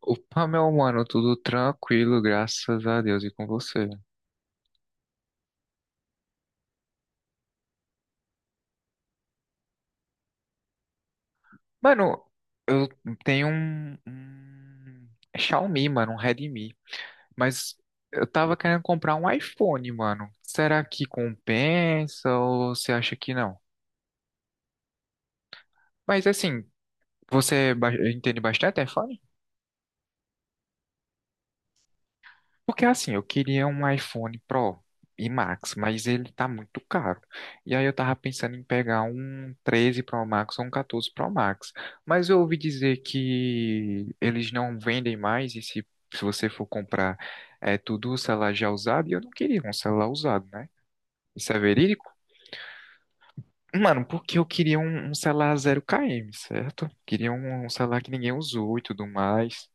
Opa, meu mano, tudo tranquilo, graças a Deus e com você. Mano, eu tenho um Xiaomi, mano, um Redmi, mas eu tava querendo comprar um iPhone, mano. Será que compensa ou você acha que não? Mas assim, você entende bastante iPhone? Porque assim, eu queria um iPhone Pro e Max, mas ele tá muito caro. E aí eu tava pensando em pegar um 13 Pro Max ou um 14 Pro Max. Mas eu ouvi dizer que eles não vendem mais e se você for comprar é tudo o celular já usado, e eu não queria um celular usado, né? Isso é verídico? Mano, porque eu queria um celular zero km, certo? Queria um celular que ninguém usou e tudo mais.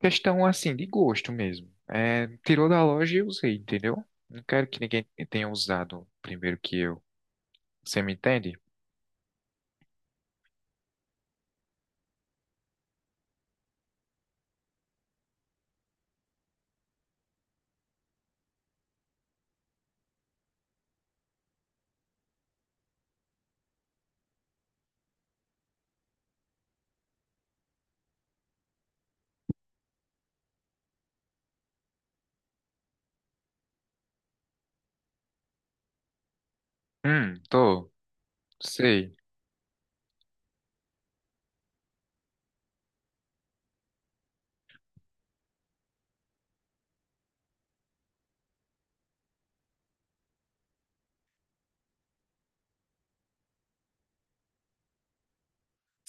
Questão assim de gosto mesmo. É, tirou da loja e usei, entendeu? Não quero que ninguém tenha usado primeiro que eu. Você me entende? Tô. Sei.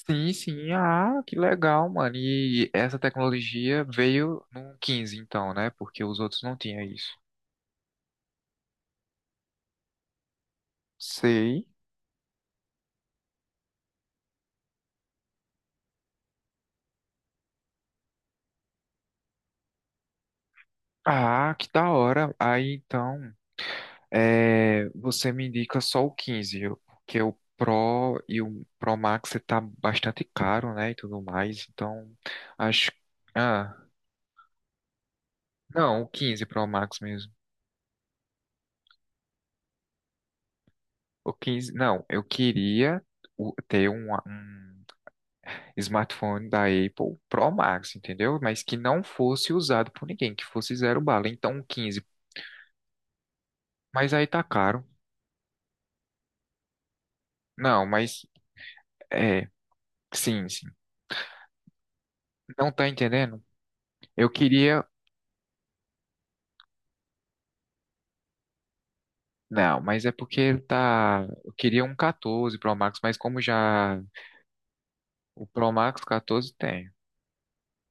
Sim, sim. Ah, que legal, mano. E essa tecnologia veio no 15 então, né? Porque os outros não tinham isso. Sei. Ah, que da hora. Aí então. É, você me indica só o 15, porque o Pro e o Pro Max tá bastante caro, né, e tudo mais. Então, acho... Ah, não, o 15 Pro Max mesmo. O 15, não, eu queria ter um smartphone da Apple Pro Max, entendeu? Mas que não fosse usado por ninguém, que fosse zero bala. Então, o 15. Mas aí tá caro. Não, mas... É, sim, sim. Não tá entendendo? Eu queria Não, mas é porque ele tá. Eu queria um 14 Pro Max, mas como já. O Pro Max 14 tem.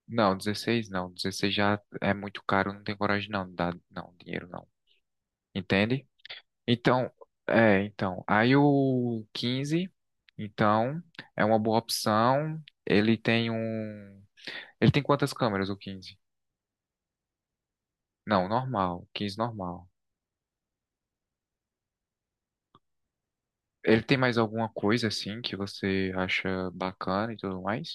Não, 16 não. 16 já é muito caro, não tem coragem não. Dá, não, dinheiro não. Entende? Então, é, então. Aí o 15, então, é uma boa opção. Ele tem um. Ele tem quantas câmeras, o 15? Não, normal. 15 normal. Ele tem mais alguma coisa assim que você acha bacana e tudo mais?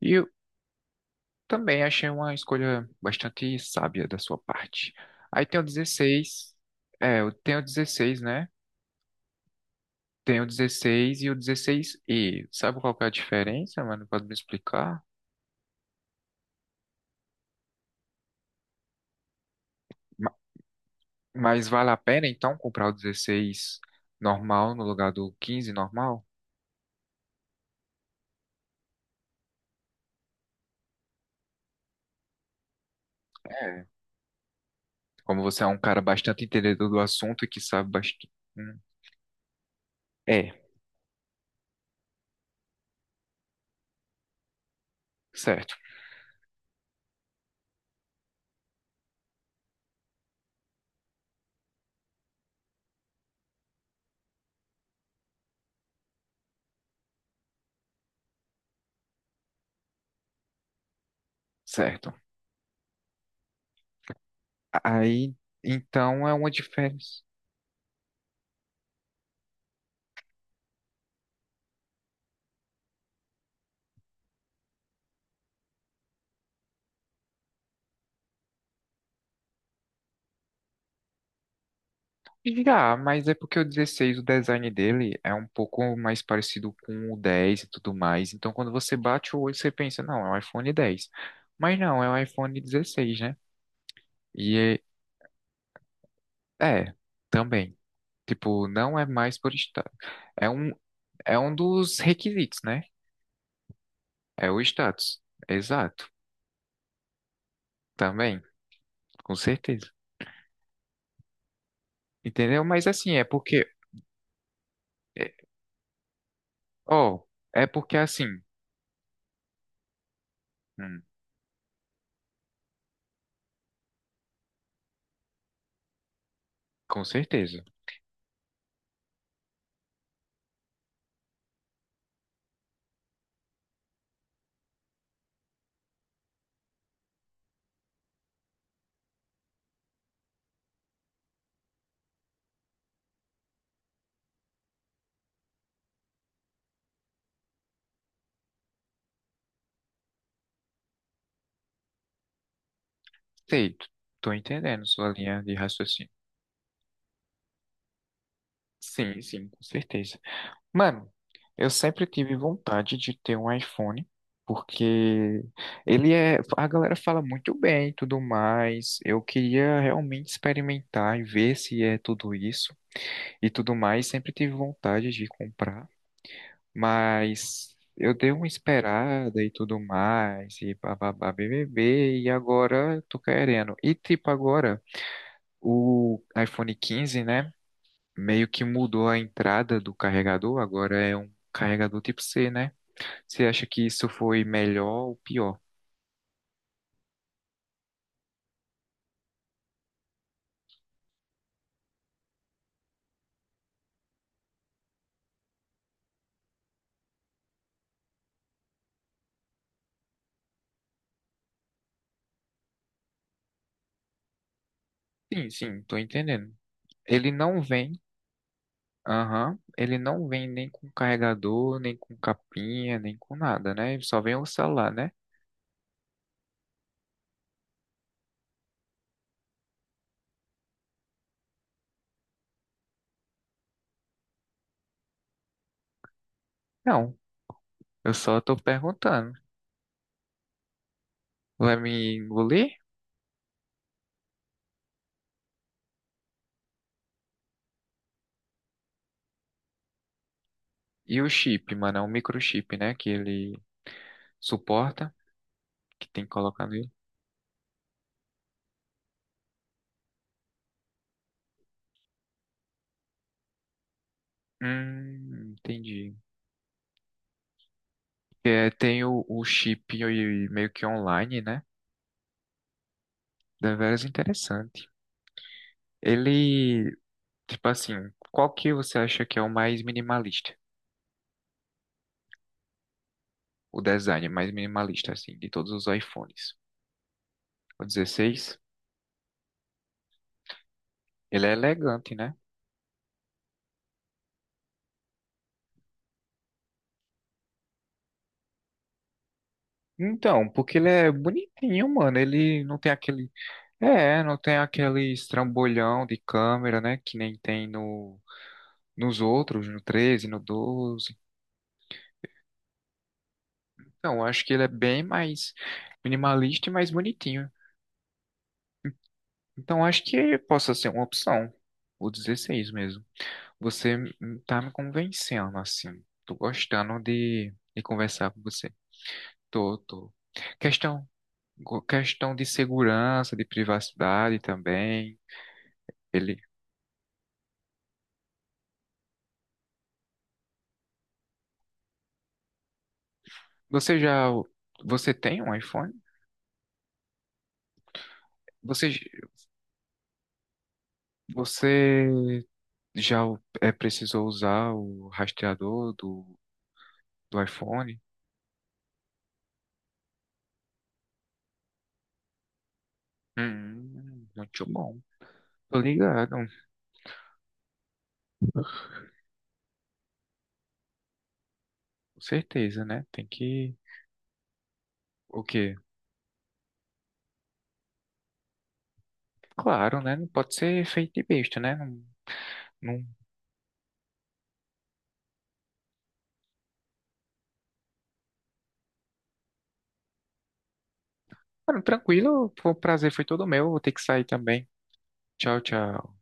E, também achei uma escolha bastante sábia da sua parte. Aí tem o 16, é, eu tenho o 16, né? Tem o 16 e o 16E. Sabe qual que é a diferença, mano? Pode me explicar? Ma- Mas vale a pena então comprar o 16 normal no lugar do 15 normal? É. Como você é um cara bastante entendedor do assunto e que sabe bastante. É, certo, certo. Aí, então é uma diferença. Já, mas é porque o 16, o design dele é um pouco mais parecido com o 10 e tudo mais. Então, quando você bate o olho, você pensa, não, é um iPhone 10. Mas não, é um iPhone 16, né? E é, também. Tipo, não é mais por status. É um, é um dos requisitos, né? É o status. Exato. Também, com certeza. Entendeu? Mas assim, é porque. é- Ó, é porque assim. Hum, com certeza. Sei, tô entendendo sua linha de raciocínio. Sim, sim, com certeza. Mano, eu sempre tive vontade de ter um iPhone, porque ele é. A galera fala muito bem e tudo mais. Eu queria realmente experimentar e ver se é tudo isso e tudo mais. Sempre tive vontade de comprar, mas eu dei uma esperada e tudo mais, e bababá, BBB, e agora eu tô querendo. E tipo, agora o iPhone 15, né? Meio que mudou a entrada do carregador, agora é um carregador tipo C, né? Você acha que isso foi melhor ou pior? Sim, sim, tô entendendo. Ele não vem, Aham, ele não vem nem com carregador, nem com capinha, nem com nada, né? Só vem o celular, né? Não, eu só tô perguntando. Vai me engolir? E o chip, mano, é um microchip, né? Que ele suporta, que tem que colocar nele. Entendi. Que é, tem o chip e meio que online, né? Deveras interessante. Ele, tipo assim, qual que você acha que é o mais minimalista? O design mais minimalista, assim, de todos os iPhones. O 16, ele é elegante, né? Então, porque ele é bonitinho, mano. Ele não tem aquele. É, não tem aquele estrambolhão de câmera, né? Que nem tem nos outros, no treze, no doze. Então, eu acho que ele é bem mais minimalista e mais bonitinho. Então acho que possa ser uma opção. O 16 mesmo. Você tá me convencendo, assim. Tô gostando de conversar com você. Tô, tô. Questão, questão de segurança, de privacidade também. Ele, você já, Você tem um iPhone? Você, j- Você já precisou usar o rastreador do iPhone? Muito bom. Tô ligado, com certeza, né? Tem que, o quê? Claro, né? Não pode ser feito de besta, né? Não, não... Mano, tranquilo, o prazer foi todo meu. Vou ter que sair também. Tchau, tchau.